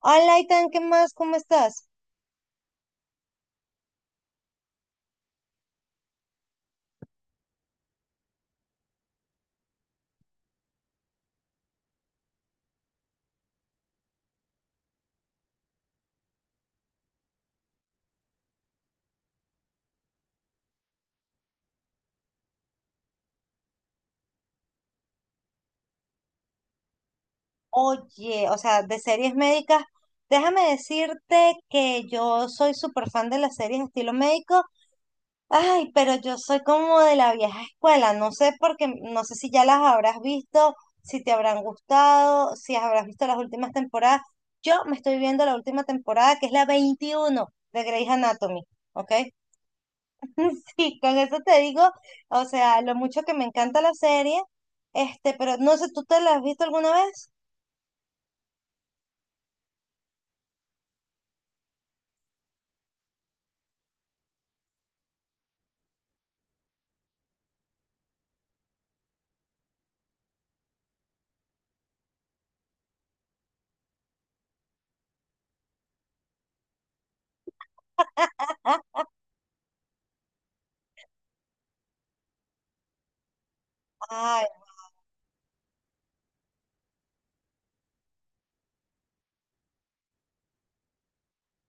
Hola, Itan, ¿qué más? ¿Cómo estás? Oye, o sea, de series médicas, déjame decirte que yo soy súper fan de las series estilo médico. Ay, pero yo soy como de la vieja escuela. No sé porque, no sé si ya las habrás visto, si te habrán gustado, si habrás visto las últimas temporadas. Yo me estoy viendo la última temporada, que es la 21 de Grey's Anatomy, ¿ok? Sí, con eso te digo, o sea, lo mucho que me encanta la serie, este, pero no sé, ¿tú te la has visto alguna vez? Ay,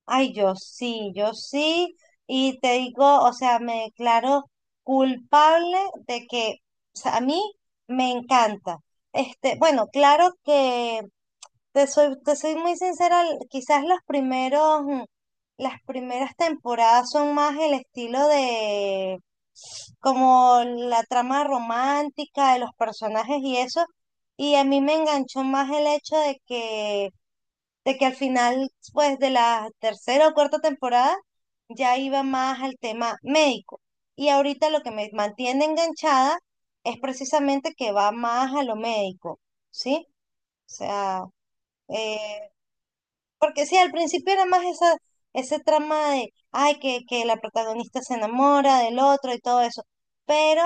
ay, yo sí, yo sí, y te digo, o sea, me declaro culpable de que, o sea, a mí me encanta. Este, bueno, claro que te soy, te soy muy sincera, quizás los primeros, las primeras temporadas son más el estilo de como la trama romántica de los personajes y eso, y a mí me enganchó más el hecho de que al final, pues de la tercera o cuarta temporada, ya iba más al tema médico. Y ahorita lo que me mantiene enganchada es precisamente que va más a lo médico, ¿sí? O sea, eh, porque sí, al principio era más esa, ese trama de, ay, que la protagonista se enamora del otro y todo eso. Pero,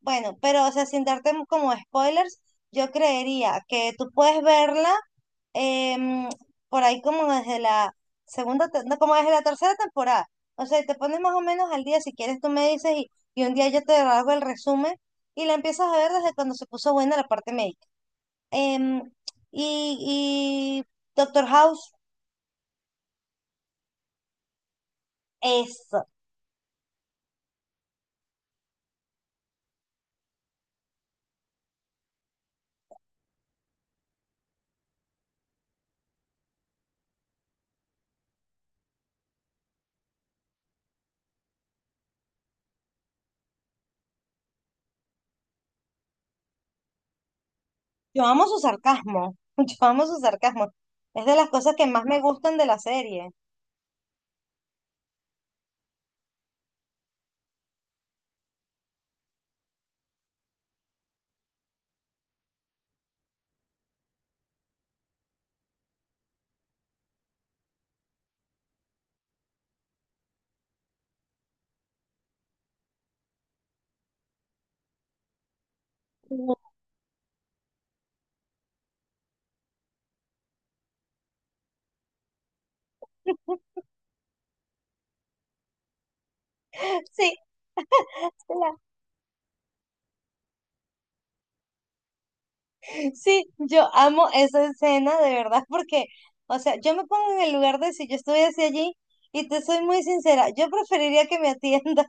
bueno, pero, o sea, sin darte como spoilers, yo creería que tú puedes verla em, por ahí como desde la segunda, no, como desde la tercera temporada. O sea, te pones más o menos al día, si quieres tú me dices, y un día yo te hago el resumen y la empiezas a ver desde cuando se puso buena la parte médica. Em, y, y Doctor House. Eso, yo amo su sarcasmo, yo amo su sarcasmo. Es de las cosas que más me gustan de la serie. Sí, la- sí, yo amo esa escena de verdad porque, o sea, yo me pongo en el lugar de si yo estuviese allí y te soy muy sincera, yo preferiría que me atiendan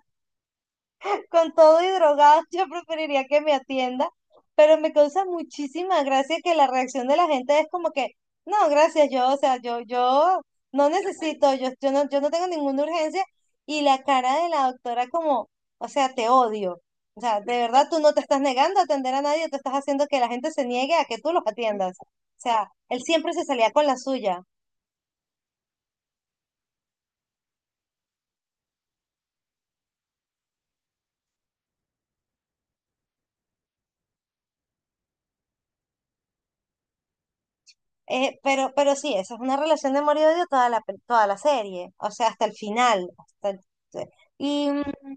con todo y drogado, yo preferiría que me atienda, pero me causa muchísima gracia que la reacción de la gente es como que, no, gracias, yo, o sea, yo no necesito, yo no, yo no tengo ninguna urgencia, y la cara de la doctora como, o sea, te odio. O sea, de verdad tú no te estás negando a atender a nadie, tú estás haciendo que la gente se niegue a que tú los atiendas. O sea, él siempre se salía con la suya. Pero sí, esa es una relación de amor y odio toda la, toda la serie, o sea, hasta el final. Y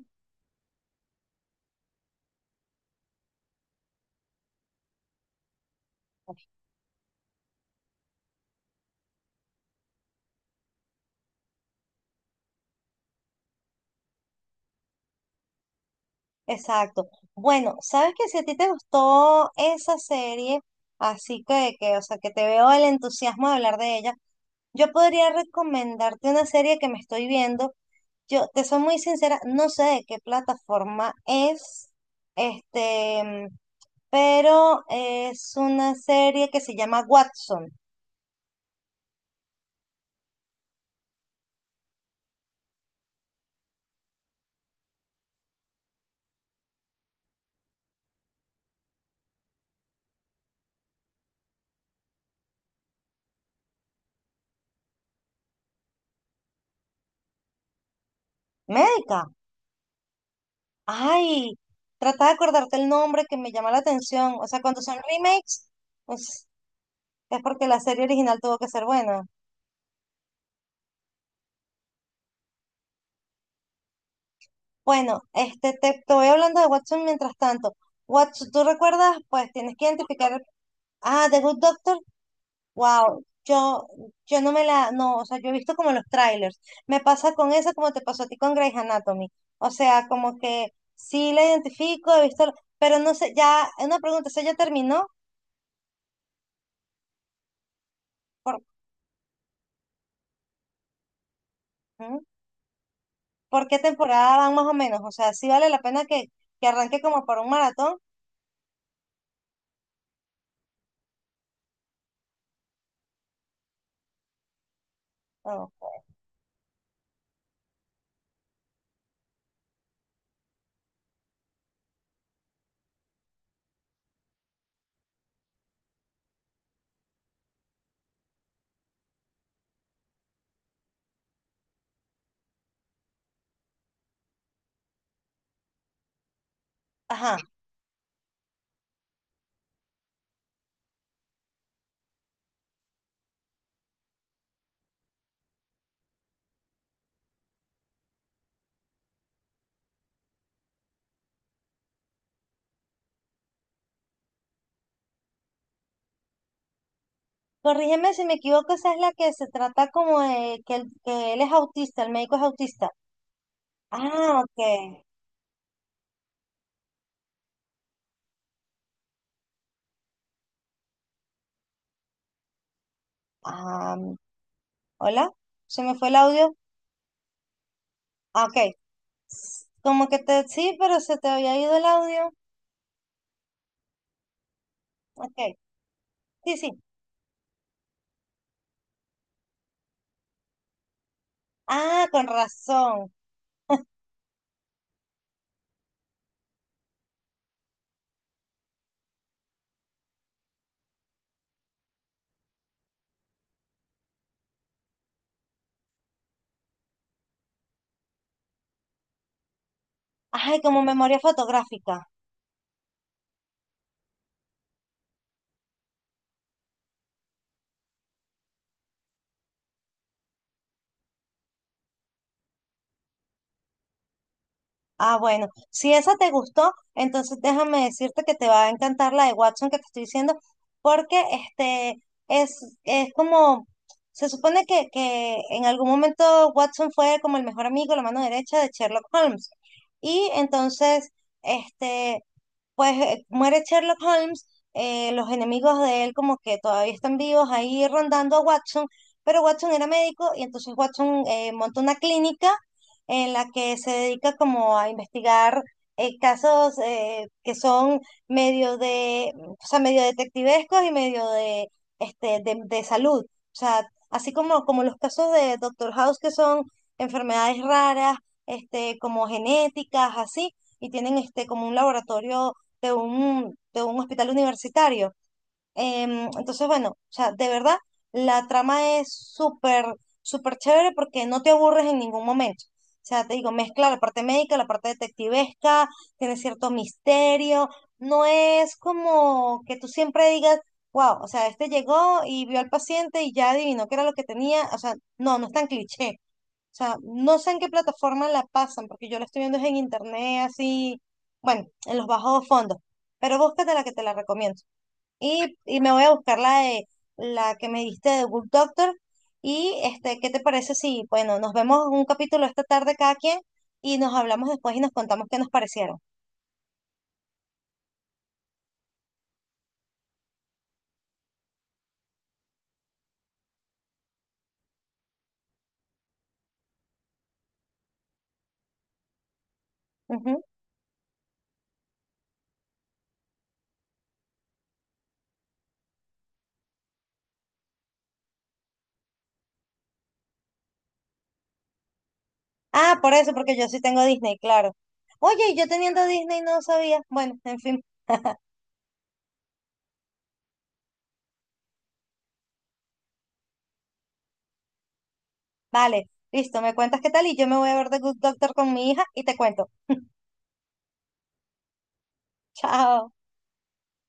exacto. Bueno, sabes que si a ti te gustó esa serie, así que, o sea, que te veo el entusiasmo de hablar de ella, yo podría recomendarte una serie que me estoy viendo. Yo te soy muy sincera, no sé de qué plataforma es, este, mm, pero es una serie que se llama Watson, médica. Ay, trata de acordarte el nombre que me llama la atención. O sea, cuando son remakes, pues es porque la serie original tuvo que ser buena. Bueno, este, te voy hablando de Watson mientras tanto. Watson, ¿tú recuerdas? Pues tienes que identificar. Ah, The Good Doctor. Wow, yo no me la, no, o sea, yo he visto como los trailers. Me pasa con esa como te pasó a ti con Grey's Anatomy. O sea, como que sí la identifico, he visto, pero no sé, ya, una pregunta, ¿se ya terminó? Por... ¿Mm? ¿Por qué temporada van más o menos? O sea, ¿sí vale la pena que arranque como para un maratón? O- Ajá. Corrígeme si me equivoco, esa es la que se trata como de que, que él es autista, el médico es autista. Ah, ok. Ah, hola, se me fue el audio. Ah, ok. Como que te, sí, pero se te había ido el audio. Ok. Sí, sí. Ah, con razón. Ay, como memoria fotográfica. Ah, bueno, si esa te gustó, entonces déjame decirte que te va a encantar la de Watson que te estoy diciendo, porque este es como, se supone que en algún momento Watson fue como el mejor amigo, la mano derecha de Sherlock Holmes. Y entonces, este, pues muere Sherlock Holmes, los enemigos de él como que todavía están vivos ahí rondando a Watson, pero Watson era médico y entonces Watson monta una clínica en la que se dedica como a investigar casos que son medio de, o sea, medio detectivescos y medio de, este, de salud. O sea, así como, como los casos de Doctor House que son enfermedades raras, este, como genéticas, así y tienen este como un laboratorio de un hospital universitario. Entonces, bueno, o sea, de verdad, la trama es súper, súper chévere porque no te aburres en ningún momento. O sea, te digo, mezcla la parte médica, la parte detectivesca, tiene cierto misterio. No es como que tú siempre digas, wow, o sea, este llegó y vio al paciente y ya adivinó qué era lo que tenía. O sea, no, no es tan cliché. O sea, no sé en qué plataforma la pasan, porque yo la estoy viendo es en internet, así, bueno, en los bajos fondos. Pero búscate la que te la recomiendo. Y me voy a buscar la de la que me diste de Good Doctor. Y este, ¿qué te parece si, bueno, nos vemos un capítulo esta tarde cada quien y nos hablamos después y nos contamos qué nos parecieron? Ujú. Ah, por eso, porque yo sí tengo Disney, claro. Oye, y yo teniendo Disney no sabía. Bueno, en fin, vale, listo, me cuentas qué tal y yo me voy a ver The Good Doctor con mi hija y te cuento. Chao.